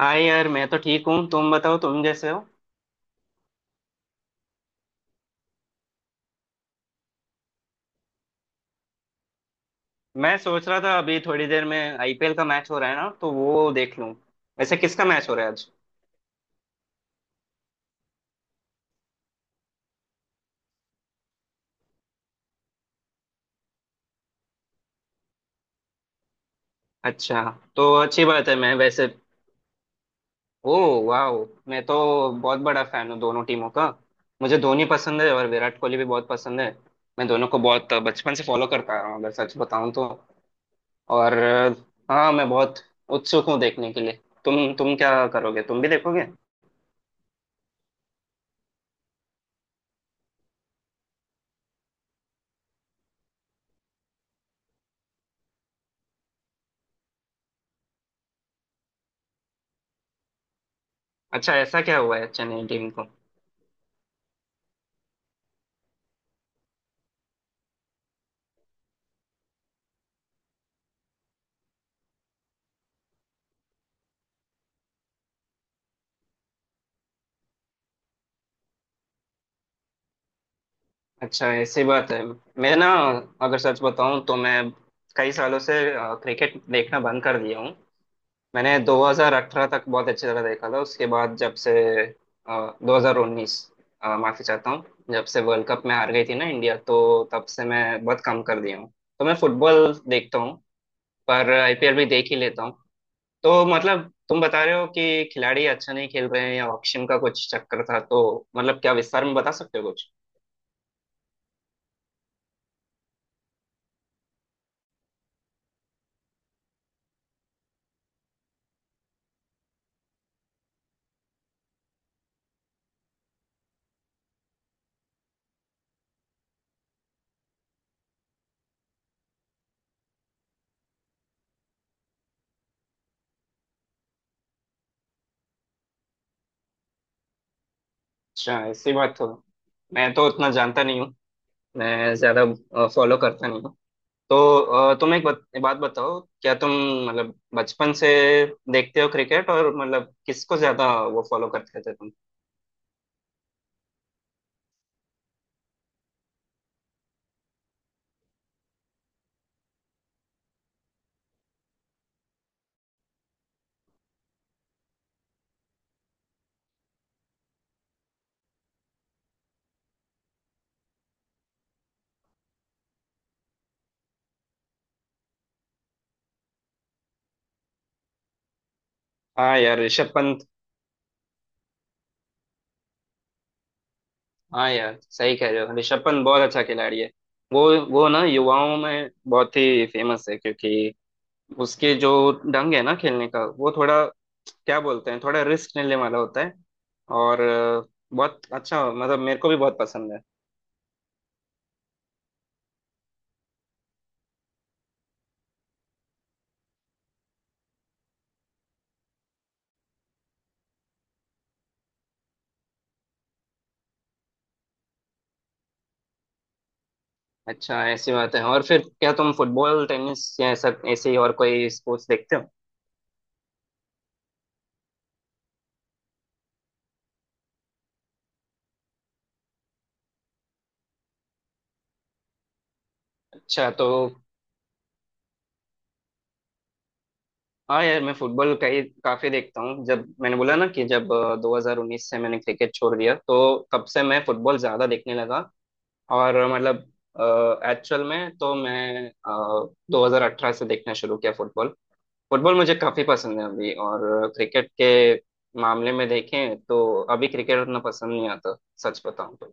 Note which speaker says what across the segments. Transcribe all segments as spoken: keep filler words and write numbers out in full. Speaker 1: हाय यार, मैं तो ठीक हूँ। तुम बताओ, तुम जैसे हो। मैं सोच रहा था अभी थोड़ी देर में आईपीएल का मैच हो रहा है ना, तो वो देख लूँ। वैसे किसका मैच हो रहा है आज? अच्छा, तो अच्छी बात है। मैं वैसे। ओ। वाह। मैं तो बहुत बड़ा फैन हूँ दोनों टीमों का। मुझे धोनी पसंद है और विराट कोहली भी बहुत पसंद है। मैं दोनों को बहुत बचपन से फॉलो करता आ रहा हूँ, अगर सच बताऊँ तो। और हाँ, मैं बहुत उत्सुक हूँ देखने के लिए। तुम तुम क्या करोगे? तुम भी देखोगे? अच्छा, ऐसा क्या हुआ है चेन्नई टीम को? अच्छा ऐसी बात है। मैं ना, अगर सच बताऊं तो मैं कई सालों से अ, क्रिकेट देखना बंद कर दिया हूँ। मैंने दो हज़ार अठारह तक बहुत अच्छी तरह देखा था। उसके बाद जब से अ, दो हज़ार उन्नीस, अ, माफी चाहता हूँ। जब से वर्ल्ड कप में हार गई थी ना इंडिया, तो तब से मैं बहुत कम कर दिया हूँ। तो मैं फुटबॉल देखता हूँ। पर आईपीएल भी देख ही लेता हूँ। तो मतलब तुम बता रहे हो कि खिलाड़ी अच्छा नहीं खेल रहे हैं या ऑक्शन का कुछ चक्कर था, तो मतलब क्या विस्तार में बता सकते हो कुछ? अच्छा ऐसी बात हो। मैं तो उतना जानता नहीं हूँ। मैं ज्यादा फॉलो करता नहीं हूँ तो। अ, तुम एक बत, बात बताओ, क्या तुम मतलब बचपन से देखते हो क्रिकेट और मतलब किसको ज्यादा वो फॉलो करते थे तुम? हाँ यार, ऋषभ पंत। हाँ यार, सही कह रहे हो, ऋषभ पंत बहुत अच्छा खिलाड़ी है। वो वो ना युवाओं में बहुत ही फेमस है, क्योंकि उसके जो ढंग है ना खेलने का, वो थोड़ा क्या बोलते हैं, थोड़ा रिस्क लेने वाला होता है। और अ, बहुत अच्छा, मतलब मेरे को भी बहुत पसंद है। अच्छा ऐसी बात है। और फिर क्या तुम फुटबॉल, टेनिस या सब ऐसे ही और कोई स्पोर्ट्स देखते हो? अच्छा तो हाँ यार, मैं फुटबॉल कई काफी देखता हूँ। जब मैंने बोला ना कि जब अ, दो हज़ार उन्नीस से मैंने क्रिकेट छोड़ दिया, तो तब से मैं फुटबॉल ज्यादा देखने लगा। और अ, मतलब एक्चुअल में तो मैं अ, दो हज़ार अठारह से देखना शुरू किया फुटबॉल। फुटबॉल मुझे काफी पसंद है अभी। और क्रिकेट के मामले में देखें तो अभी क्रिकेट उतना पसंद नहीं आता, सच बताऊं तो।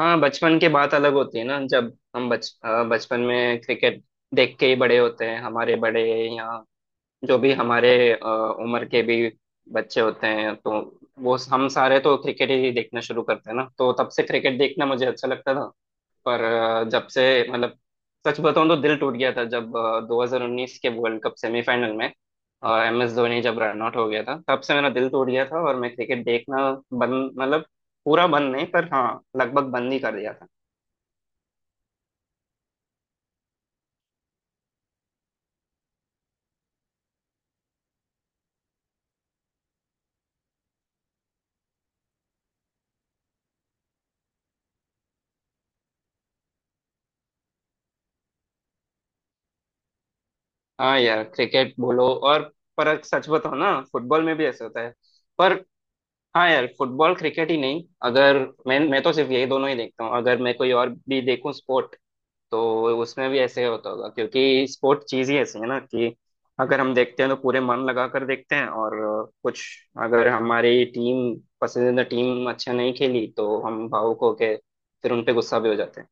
Speaker 1: हाँ, बचपन की बात अलग होती है ना। जब हम बच अ, बचपन में क्रिकेट देख के ही बड़े होते हैं, हमारे बड़े या जो भी हमारे अ, उम्र के भी बच्चे होते हैं, तो वो हम सारे तो क्रिकेट ही देखना शुरू करते हैं ना, तो तब से क्रिकेट देखना मुझे अच्छा लगता था। पर अ, जब से, मतलब सच बताऊं तो दिल टूट गया था जब अ, दो हज़ार उन्नीस के वर्ल्ड कप सेमीफाइनल में एम एस धोनी जब रन आउट हो गया था, तब से मेरा दिल टूट गया था और मैं क्रिकेट देखना बंद, मतलब पूरा बंद नहीं पर हाँ, लगभग बंद ही कर दिया था। हाँ यार, क्रिकेट बोलो और, पर सच बताओ ना, फुटबॉल में भी ऐसे होता है। पर हाँ यार, फुटबॉल क्रिकेट ही नहीं, अगर मैं मैं तो सिर्फ यही दोनों ही देखता हूँ। अगर मैं कोई और भी देखूँ स्पोर्ट तो उसमें भी ऐसे होता होगा, क्योंकि स्पोर्ट चीज ही ऐसी है ना कि अगर हम देखते हैं तो पूरे मन लगा कर देखते हैं, और अ, कुछ, अगर हमारी टीम पसंदीदा टीम अच्छा नहीं खेली तो हम भावुक होके फिर उनपे गुस्सा भी हो जाते हैं।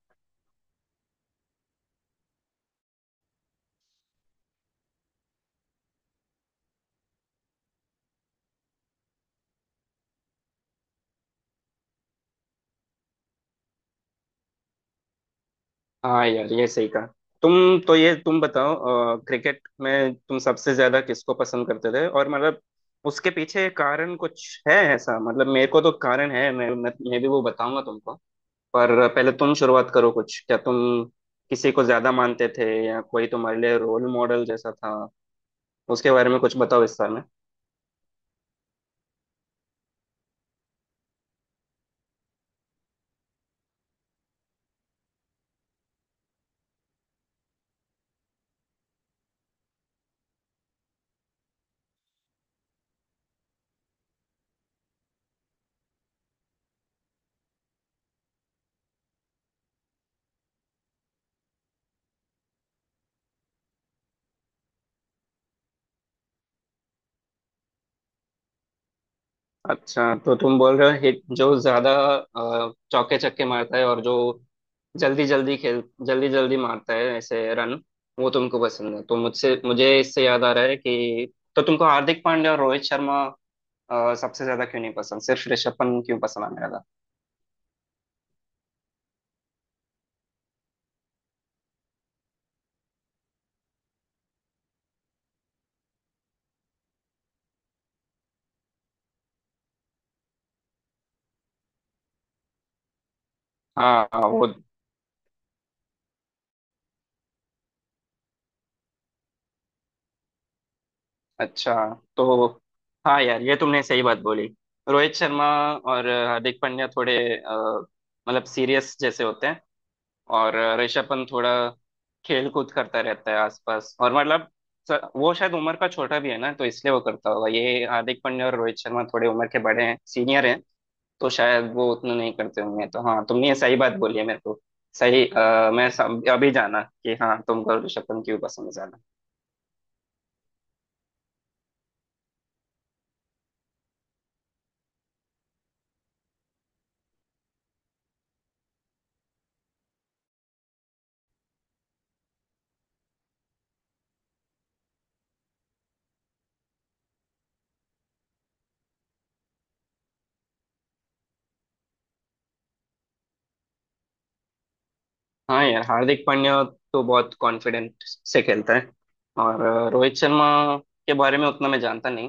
Speaker 1: हाँ यार ये सही कहा। तुम तो ये तुम बताओ, अ, क्रिकेट में तुम सबसे ज्यादा किसको पसंद करते थे और मतलब उसके पीछे कारण कुछ है ऐसा? मतलब मेरे को तो कारण है, मैं मैं, मैं भी वो बताऊंगा तुमको। पर पहले तुम शुरुआत करो कुछ, क्या तुम किसी को ज्यादा मानते थे या कोई तुम्हारे लिए रोल मॉडल जैसा था? उसके बारे में कुछ बताओ विस्तार में। अच्छा, तो तुम बोल रहे हो हिट जो ज्यादा अ, चौके छक्के मारता है और जो जल्दी जल्दी खेल जल्दी जल्दी मारता है ऐसे रन, वो तुमको पसंद है। तो मुझसे मुझे इससे याद आ रहा है कि तो तुमको हार्दिक पांड्या और रोहित शर्मा अ, सबसे ज्यादा क्यों नहीं पसंद, सिर्फ ऋषभ पंत क्यों पसंद आने लगा? हाँ हाँ, वो। अच्छा। तो हाँ यार, ये तुमने सही बात बोली। रोहित शर्मा और हार्दिक पांड्या थोड़े अ, मतलब सीरियस जैसे होते हैं। और ऋषभ पंत थोड़ा खेल कूद करता रहता है आसपास, और मतलब स- वो शायद उम्र का छोटा भी है ना, तो इसलिए वो करता होगा ये। हार्दिक पांड्या और रोहित शर्मा थोड़े उम्र के बड़े हैं, सीनियर हैं। तो शायद वो उतना नहीं करते होंगे। तो हाँ, तुमने ये सही बात बोली है मेरे को सही। आ, मैं सम, अभी जाना कि हाँ, तुमको ऋषभ पंत क्यों पसंद है ज्यादा। हाँ यार, हार्दिक पांड्या तो बहुत कॉन्फिडेंट से खेलता है। और अ, रोहित शर्मा के बारे में उतना मैं जानता नहीं,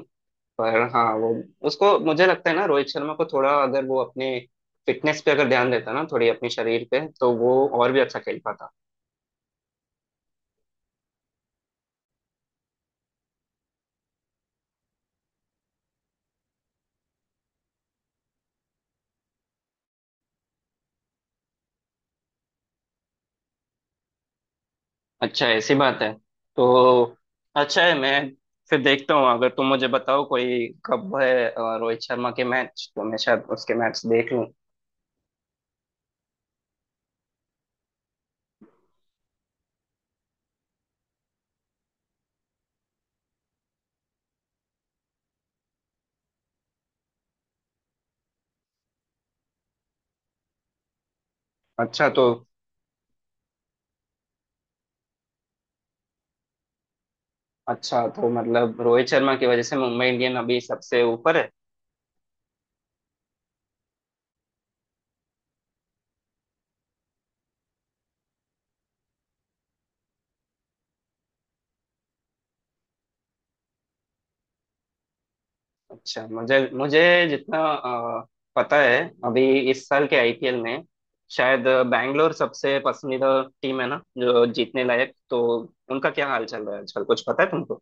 Speaker 1: पर हाँ वो, उसको मुझे लगता है ना, रोहित शर्मा को थोड़ा अगर वो अपने फिटनेस पे अगर ध्यान देता ना थोड़ी अपने शरीर पे, तो वो और भी अच्छा खेल पाता। अच्छा ऐसी बात है। तो अच्छा है, मैं फिर देखता हूँ। अगर तुम मुझे बताओ कोई कब है अ, रोहित शर्मा के मैच, तो मैं शायद उसके मैच देख लूँ। अच्छा तो अच्छा तो मतलब रोहित शर्मा की वजह से मुंबई इंडियन अभी सबसे ऊपर है। अच्छा, मुझे मुझे जितना अ, पता है, अभी इस साल के आईपीएल में शायद बैंगलोर सबसे पसंदीदा टीम है ना, जो जीतने लायक। तो उनका क्या हाल चल रहा है आजकल, कुछ पता है तुमको?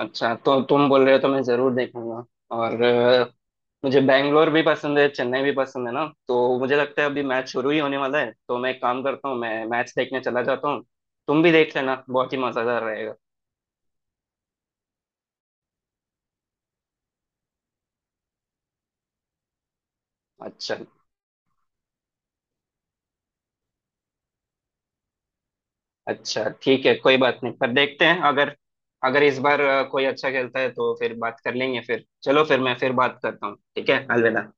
Speaker 1: अच्छा, तो तुम बोल रहे हो तो मैं जरूर देखूंगा। और अ, मुझे बैंगलोर भी पसंद है, चेन्नई भी पसंद है ना, तो मुझे लगता है अभी मैच शुरू ही होने वाला है, तो मैं एक काम करता हूँ, मैं मैच देखने चला जाता हूँ। तुम भी देख लेना, बहुत ही मजेदार रहेगा। अच्छा। अच्छा ठीक है, कोई बात नहीं। पर देखते हैं, अगर अगर इस बार अ, कोई अच्छा खेलता है तो फिर बात कर लेंगे। फिर चलो, फिर मैं फिर बात करता हूँ, ठीक है, अलविदा।